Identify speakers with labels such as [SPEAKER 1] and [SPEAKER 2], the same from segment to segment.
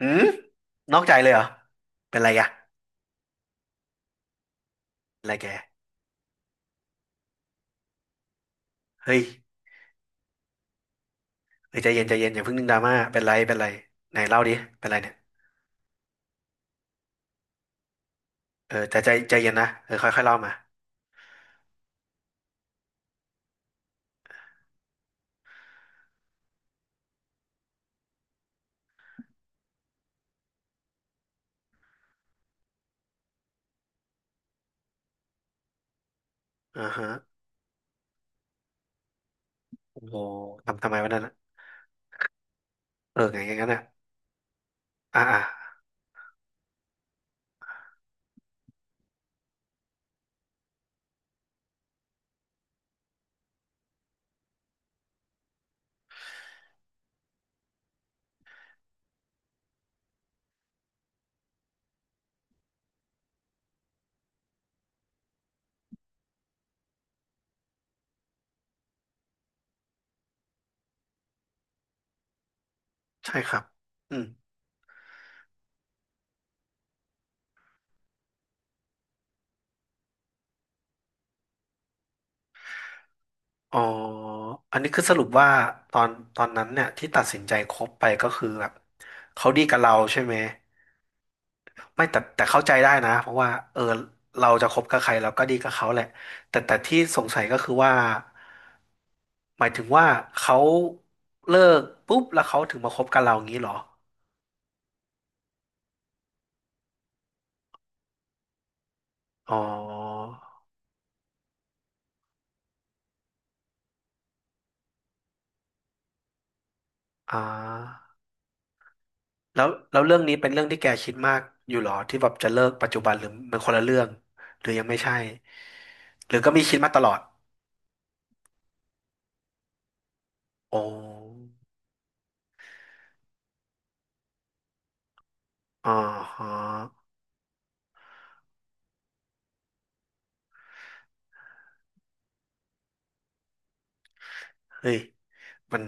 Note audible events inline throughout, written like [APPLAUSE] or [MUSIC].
[SPEAKER 1] หืมนอกใจเลยเหรอเป็นไรอะเป็นไรแกเฮ้ยเฮ้ยใจเย็นใจเย็นอย่าเพิ่งนึกดราม่าเป็นไรเป็นไรไหนเล่าดิเป็นไรเนี่ยเออแต่ใจเย็นนะเออค่อยๆเล่ามาอ่าฮะโอ้โหทำไมวันนั้นอะเออไงอย่างนั้นอะอ่าอ่าใช่ครับอืม อ๋ออันนี้คือสรุปว่าตอนตอนนั้นเนี่ยที่ตัดสินใจคบไปก็คือแบบเขาดีกับเราใช่ไหมไม่แต่เข้าใจได้นะเพราะว่าเออเราจะคบกับใครเราก็ดีกับเขาแหละแต่ที่สงสัยก็คือว่าหมายถึงว่าเขาเลิกปุ๊บแล้วเขาถึงมาคบกับเราอย่างนี้เหรออ๋ออ่า แล้วเรื่องนี้เป็นเรื่องที่แกคิดมากอยู่หรอที่แบบจะเลิกปัจจุบันหรือมันคนละเรื่องหรือยังไม่ใช่หรือก็มีคิดมาตลอดโอ้อ๋อฮะเฮ้ยมัน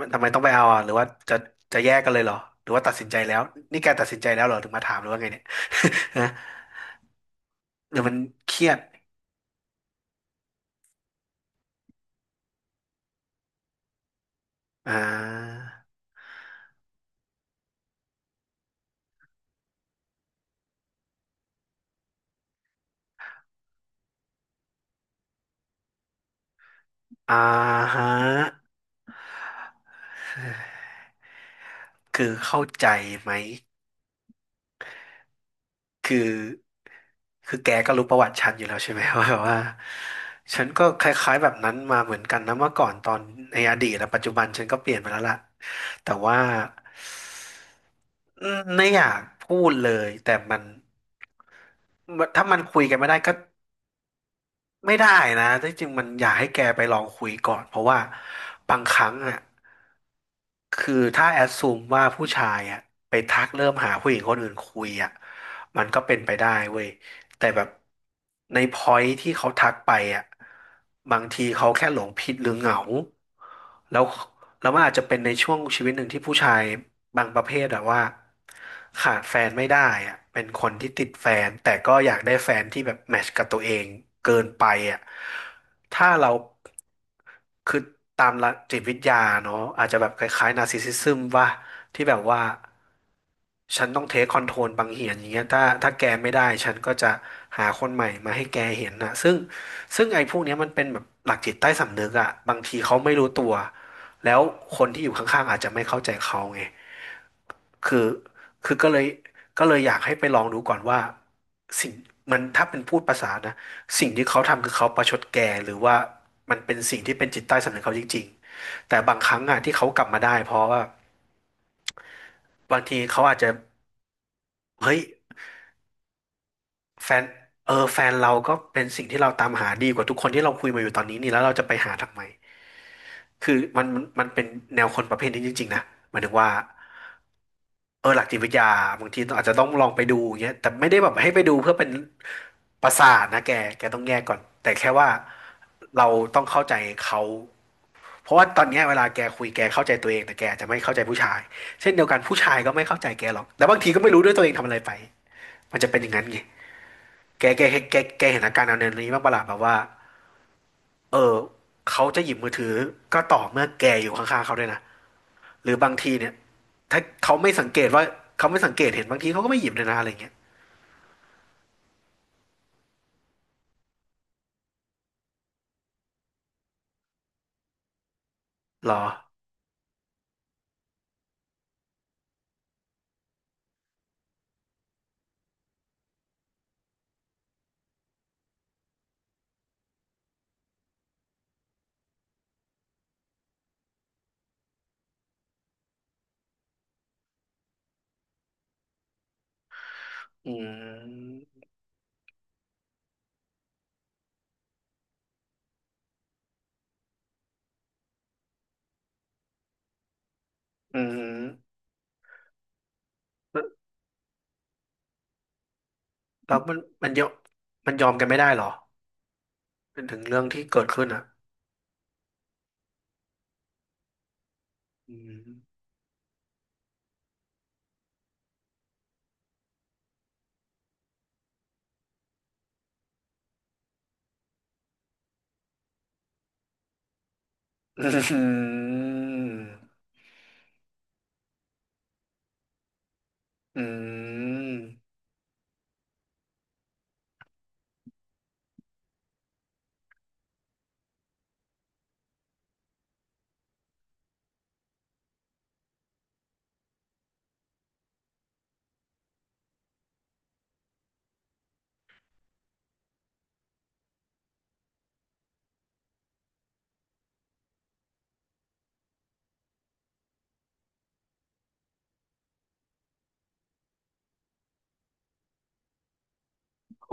[SPEAKER 1] มันทำไมต้องไปเอาอ่ะหรือว่าจะแยกกันเลยเหรอหรือว่าตัดสินใจแล้วนี่แกตัดสินใจแล้วเหรอถึงมาถามหรือว่าไงเนี่ย [LAUGHS] ฮะหรือมันเครียดอ่าอ่าฮะ [SIGHS] คือเข้าใจไหม คือคือแกก็รู้ประวัติฉันอยู่แล้วใช่ไหม [LAUGHS] ว่าแบบว่าฉันก็คล้ายๆแบบนั้นมาเหมือนกันนะเมื่อก่อนตอนในอดีตและปัจจุบันฉันก็เปลี่ยนไปแล้วล่ะแต่ว่าไม่อยากพูดเลยแต่มันถ้ามันคุยกันไม่ได้ก็ไม่ได้นะที่จริงมันอยากให้แกไปลองคุยก่อนเพราะว่าบางครั้งอ่ะ คือถ้าแอดซูมว่าผู้ชายอะไปทักเริ่มหาผู้หญิงคนอื่นคุยอะมันก็เป็นไปได้เว้ยแต่แบบในพอยท์ที่เขาทักไปอะบางทีเขาแค่หลงผิดหรือเหงาแล้วแล้วมันอาจจะเป็นในช่วงชีวิตหนึ่งที่ผู้ชายบางประเภทอะว่าขาดแฟนไม่ได้อะเป็นคนที่ติดแฟนแต่ก็อยากได้แฟนที่แบบแมทช์กับตัวเองเกินไปอะถ้าเรา คือตามหลักจิตวิทยาเนาะอาจจะแบบคล้ายๆนาร์ซิสซิซึมว่าที่แบบว่าฉันต้องเทคคอนโทรลบางเหียนอย่างเงี้ยถ้าแกไม่ได้ฉันก็จะหาคนใหม่มาให้แกเห็นนะซึ่งไอ้พวกเนี้ยมันเป็นแบบหลักจิตใต้สำนึกอะบางทีเขาไม่รู้ตัวแล้วคนที่อยู่ข้างๆอาจจะไม่เข้าใจเขาไง คือคือก็เลยอยากให้ไปลองดูก่อนว่าสิ่งมันถ้าเป็นพูดภาษานะสิ่งที่เขาทำคือเขาประชดแกหรือว่ามันเป็นสิ่งที่เป็นจิตใต้สำนึกเขาจริงๆแต่บางครั้งอ่ะที่เขากลับมาได้เพราะว่าบางทีเขาอาจจะเฮ้ยแฟนเออแฟนเราก็เป็นสิ่งที่เราตามหาดีกว่าทุกคนที่เราคุยมาอยู่ตอนนี้นี่แล้วเราจะไปหาทำไม คือมันเป็นแนวคนประเภทนี้จริงๆนะหมายถึงว่าเออหลักจิตวิทยาบางทีต้องอาจจะต้องลองไปดูอย่างเงี้ยแต่ไม่ได้แบบให้ไปดูเพื่อเป็นประสาทนะแกต้องแยกก่อนแต่แค่ว่าเราต้องเข้าใจเขาเพราะว่าตอนเนี้ยเวลาแกคุยแกเข้าใจตัวเองแต่แกอาจจะไม่เข้าใจผู้ชายเช่นเดียวกันผู้ชายก็ไม่เข้าใจแกหรอกแล้วบางทีก็ไม่รู้ด้วยตัวเองทำอะไรไปมันจะเป็นอย่างนั้นไงแกเห็นอาการแนวนี้บ้างปะล่ะแบบว่าเออเขาจะหยิบมือถือก็ต่อเมื่อแกอยู่ข้างๆเขาด้วยนะ หรือบางทีเนี่ยถ้าเขาไม่สังเกตว่าเขาไม่สังเกตเห็นบางทีเขาก็ไม่หยิบเลยนะอะไรเงี้ยหรออืมอืมแล้วมันมันยอมยอมกันไม่ได้หรอเป็นถึงเรื่องที่เกิดขึ้นอ่ะอืมอืมอืม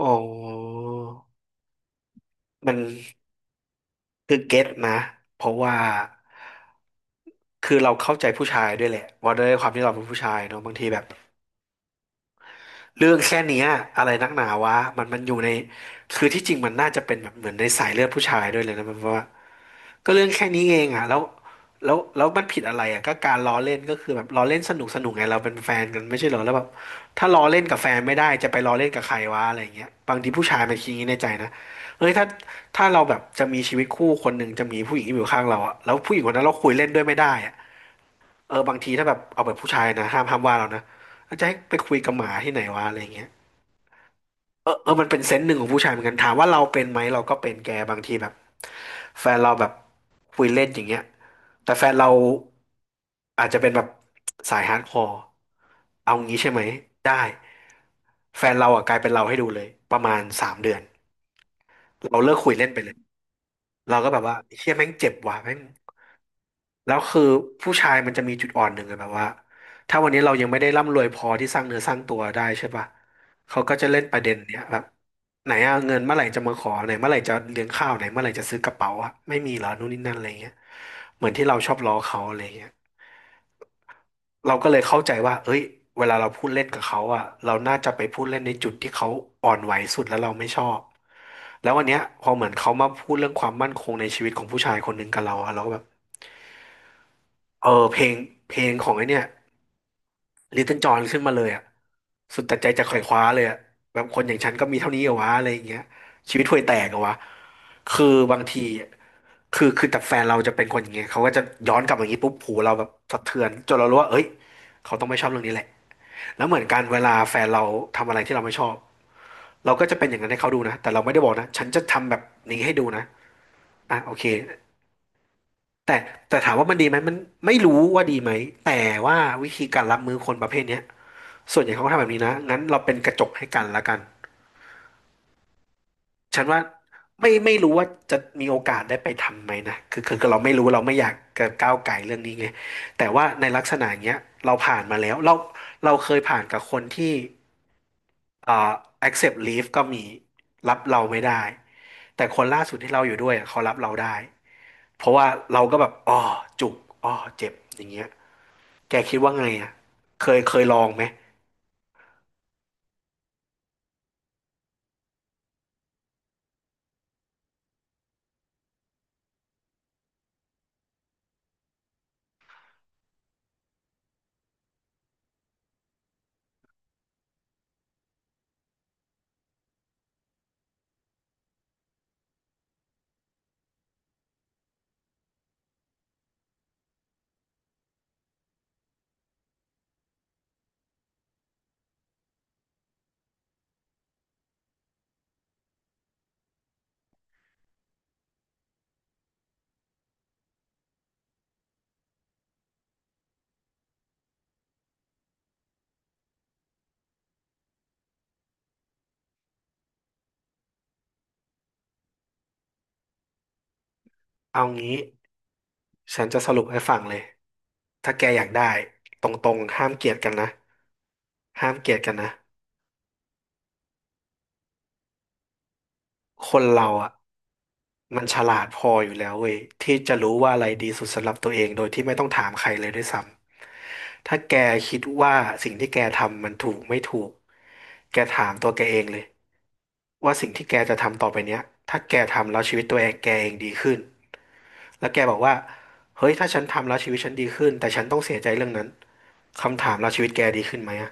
[SPEAKER 1] โอ้มันคือเก็ตนะเพราะว่าคือเราเข้าใจผู้ชายด้วยแหละว่าด้วยความที่เราเป็นผู้ชายเนอะบางทีแบบ เรื่องแค่เนี้ยอะไรนักหนาวะมันอยู่ในคือที่จริงมันน่าจะเป็นแบบเหมือนในสายเลือดผู้ชายด้วยเลยนะมันเพราะว่าก็เรื่องแค่นี้เองอ่ะแล้วแล้วมันผิดอะไรอ่ะก็การล้อเล่นก็คือแบบล้อเล่นสนุกสนุกไงเราเป็นแฟนกันไม่ใช่เหรอแล้วแบบถ้าล้อเล่นกับแฟนไม่ได้จะไปล้อเล่นกับใครวะอะไรอย่างเงี้ยบางทีผู้ชายมันคิดอย่างนี้ในใจนะเฮ้ยถ้าเราแบบจะมีชีวิตคู่คนหนึ่งจะมีผู้หญิงอยู่ข้างเราอ่ะแล้วผู้หญิงคนนั้นเราคุยเล่นด้วยไม่ได้อ่ะเออบางทีถ้าแบบเอาแบบผู้ชายนะห้ามว่าเรานะแล้วจะให้ไปคุยกับหมาที่ไหนวะอะไรอย่างเงี้ย เออมันเป็นเซนส์หนึ่งของผู้ชายเหมือนกันถามว่าเราเป็นไหมเราก็เป็นแกบางทีแบบแฟนเราแบบคุยเล่นอย่างเงี้ยแต่แฟนเราอาจจะเป็นแบบสายฮาร์ดคอร์เอางี้ใช่ไหมได้แฟนเราอ่ะกลายเป็นเราให้ดูเลยประมาณ3 เดือนเราเลิกคุยเล่นไปเลยเราก็แบบว่าเชี่ยแม่งเจ็บว่ะแม่ง แล้วคือผู้ชายมันจะมีจุดอ่อนหนึ่งอะแบบว่าถ้าวันนี้เรายังไม่ได้ร่ำรวยพอที่สร้างเนื้อสร้างตัวได้ใช่ปะเขาก็จะเล่นประเด็นเนี้ยแบบไหนอะเงินเมื่อไหร่จะมาขอไหนเมื่อไหร่จะเลี้ยงข้าวไหนเมื่อไหร่จะซื้อกระเป๋าอะไม่มีเหรอนู่นนี่นั่นอะไรเงี้ยเหมือนที่เราชอบล้อเขาอะไรเงี้ยเราก็เลยเข้าใจว่าเอ้ยเวลาเราพูดเล่นกับเขาอะเราน่าจะไปพูดเล่นในจุดที่เขาอ่อนไหวสุดแล้วเราไม่ชอบแล้ววันเนี้ยพอเหมือนเขามาพูดเรื่องความมั่นคงในชีวิตของผู้ชายคนหนึ่งกับเราอะเราก็แบบเออเพลงของไอ้เนี่ย ลิตเติ้ลจอนขึ้นมาเลยอ่ะสุดแต่ใจจะขว่คว้าเลยอ่ะแบบคนอย่างฉันก็มีเท่านี้เหรอวะอะไรอย่างเงี้ยชีวิตห่วยแตกเหรอวะคือบางทีอะคือแต่แฟนเราจะเป็นคนอย่างเงี้ยเขาก็จะย้อนกลับมาอย่างงี้ปุ๊บหูเราแบบสะเทือนจนเรารู้ว่าเอ้ยเขาต้องไม่ชอบเรื่องนี้แหละแล้วเหมือนกันเวลาแฟนเราทำอะไรที่เราไม่ชอบเราก็จะเป็นอย่างนั้นให้เขาดูนะแต่เราไม่ได้บอกนะฉันจะทำแบบนี้ให้ดูนะอ่ะโอเคแต่แต่ถามว่ามันดีไหมมันไม่รู้ว่าดีไหมแต่ว่าวิธีการรับมือคนประเภทเนี้ย ส่วนใหญ่เขาก็ทำแบบนี้นะงั้นเราเป็นกระจกให้กันละกัน ฉันว่าไม่รู้ว่าจะมีโอกาสได้ไปทำไหมนะคือเราไม่รู้เราไม่อยากจะก้าวไก่เรื่องนี้ไงแต่ว่าในลักษณะอย่างเงี้ยเราผ่านมาแล้วเราเคยผ่านกับคนที่เอ่อ accept leave ก็มีรับเราไม่ได้แต่คนล่าสุดที่เราอยู่ด้วยอะเขารับเราได้ เพราะว่าเราก็แบบอ๋อจุกอ๋อเจ็บอย่างเงี้ยแกคิดว่าไงอ่ะเคยลองไหม เอางี้ฉันจะสรุปให้ฟังเลย ถ้าแกอยากได้ตรงๆห้ามเกลียดกันนะห้ามเกลียดกันนะคนเราอ่ะมันฉลาดพออยู่แล้วเว้ยที่จะรู้ว่าอะไรดีสุดสำหรับตัวเองโดยที่ไม่ต้องถามใครเลยด้วยซ้ำถ้าแกคิดว่าสิ่งที่แกทำมันถูกไม่ถูกแกถามตัวแกเองเลยว่าสิ่งที่แกจะทำต่อไปเนี้ยถ้าแกทำแล้วชีวิตตัวเองแกเองดีขึ้นแล้วแกบอกว่าเฮ้ยถ้าฉันทำแล้วชีวิตฉันดีขึ้นแต่ฉันต้องเสียใจเรื่องนั้นคำถามแล้วชีวิตแกดีขึ้นไหมอะ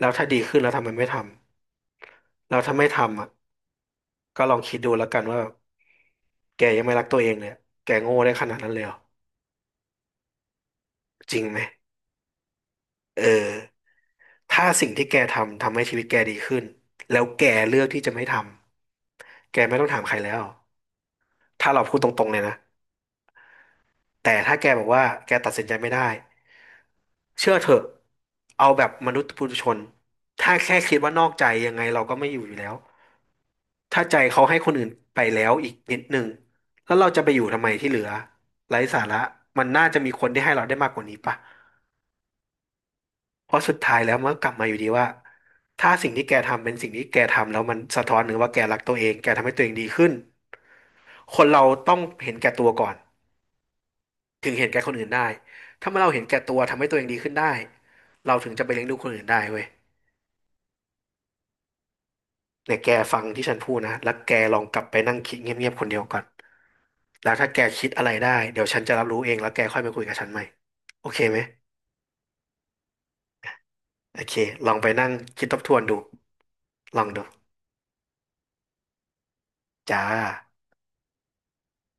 [SPEAKER 1] แล้วถ้าดีขึ้นแล้วทำไมไม่ทำแล้วถ้าไม่ทำอ่ะก็ลองคิดดูแล้วกันว่าแกยังไม่รักตัวเองเลยแกโง่ได้ขนาดนั้นเลยเหรอจริงไหมเออถ้าสิ่งที่แกทำทำให้ชีวิตแกดีขึ้นแล้วแกเลือกที่จะไม่ทำแกไม่ต้องถามใครแล้วถ้าเราพูดตรงๆเลยนะแต่ถ้าแกบอกว่าแกตัดสินใจไม่ได้เชื่อเถอะเอาแบบมนุษย์ปุถุชนถ้าแค่คิดว่านอกใจยังไงเราก็ไม่อยู่อยู่แล้ว ถ้าใจเขาให้คนอื่นไปแล้วอีกนิดหนึ่งแล้วเราจะไปอยู่ทำไมที่เหลือไร้สาระมันน่าจะมีคนที่ให้เราได้มากกว่านี้ป่ะเพราะสุดท้ายแล้วมันก็กลับมาอยู่ดีว่าถ้าสิ่งที่แกทำเป็นสิ่งที่แกทำแล้วมันสะท้อนถึงว่าแกรักตัวเองแกทำให้ตัวเองดีขึ้นคนเราต้องเห็นแก่ตัวก่อนถึงเห็นแก่คนอื่นได้ถ้าเมื่อเราเห็นแก่ตัวทำให้ตัวเองดีขึ้นได้เราถึงจะไปเลี้ยงดูคนอื่นได้เว้ยเนี่ยแกฟังที่ฉันพูดนะแล้วแกลองกลับไปนั่งคิดเงียบๆคนเดียวก่อน แล้วถ้าแกคิดอะไรได้เดี๋ยวฉันจะรับรู้เองแล้วแกค่อยมาคุยกับฉันใหม่โอเคไหมโอเคลองไปนั่งคิดทบทวนดูลองดูจ้า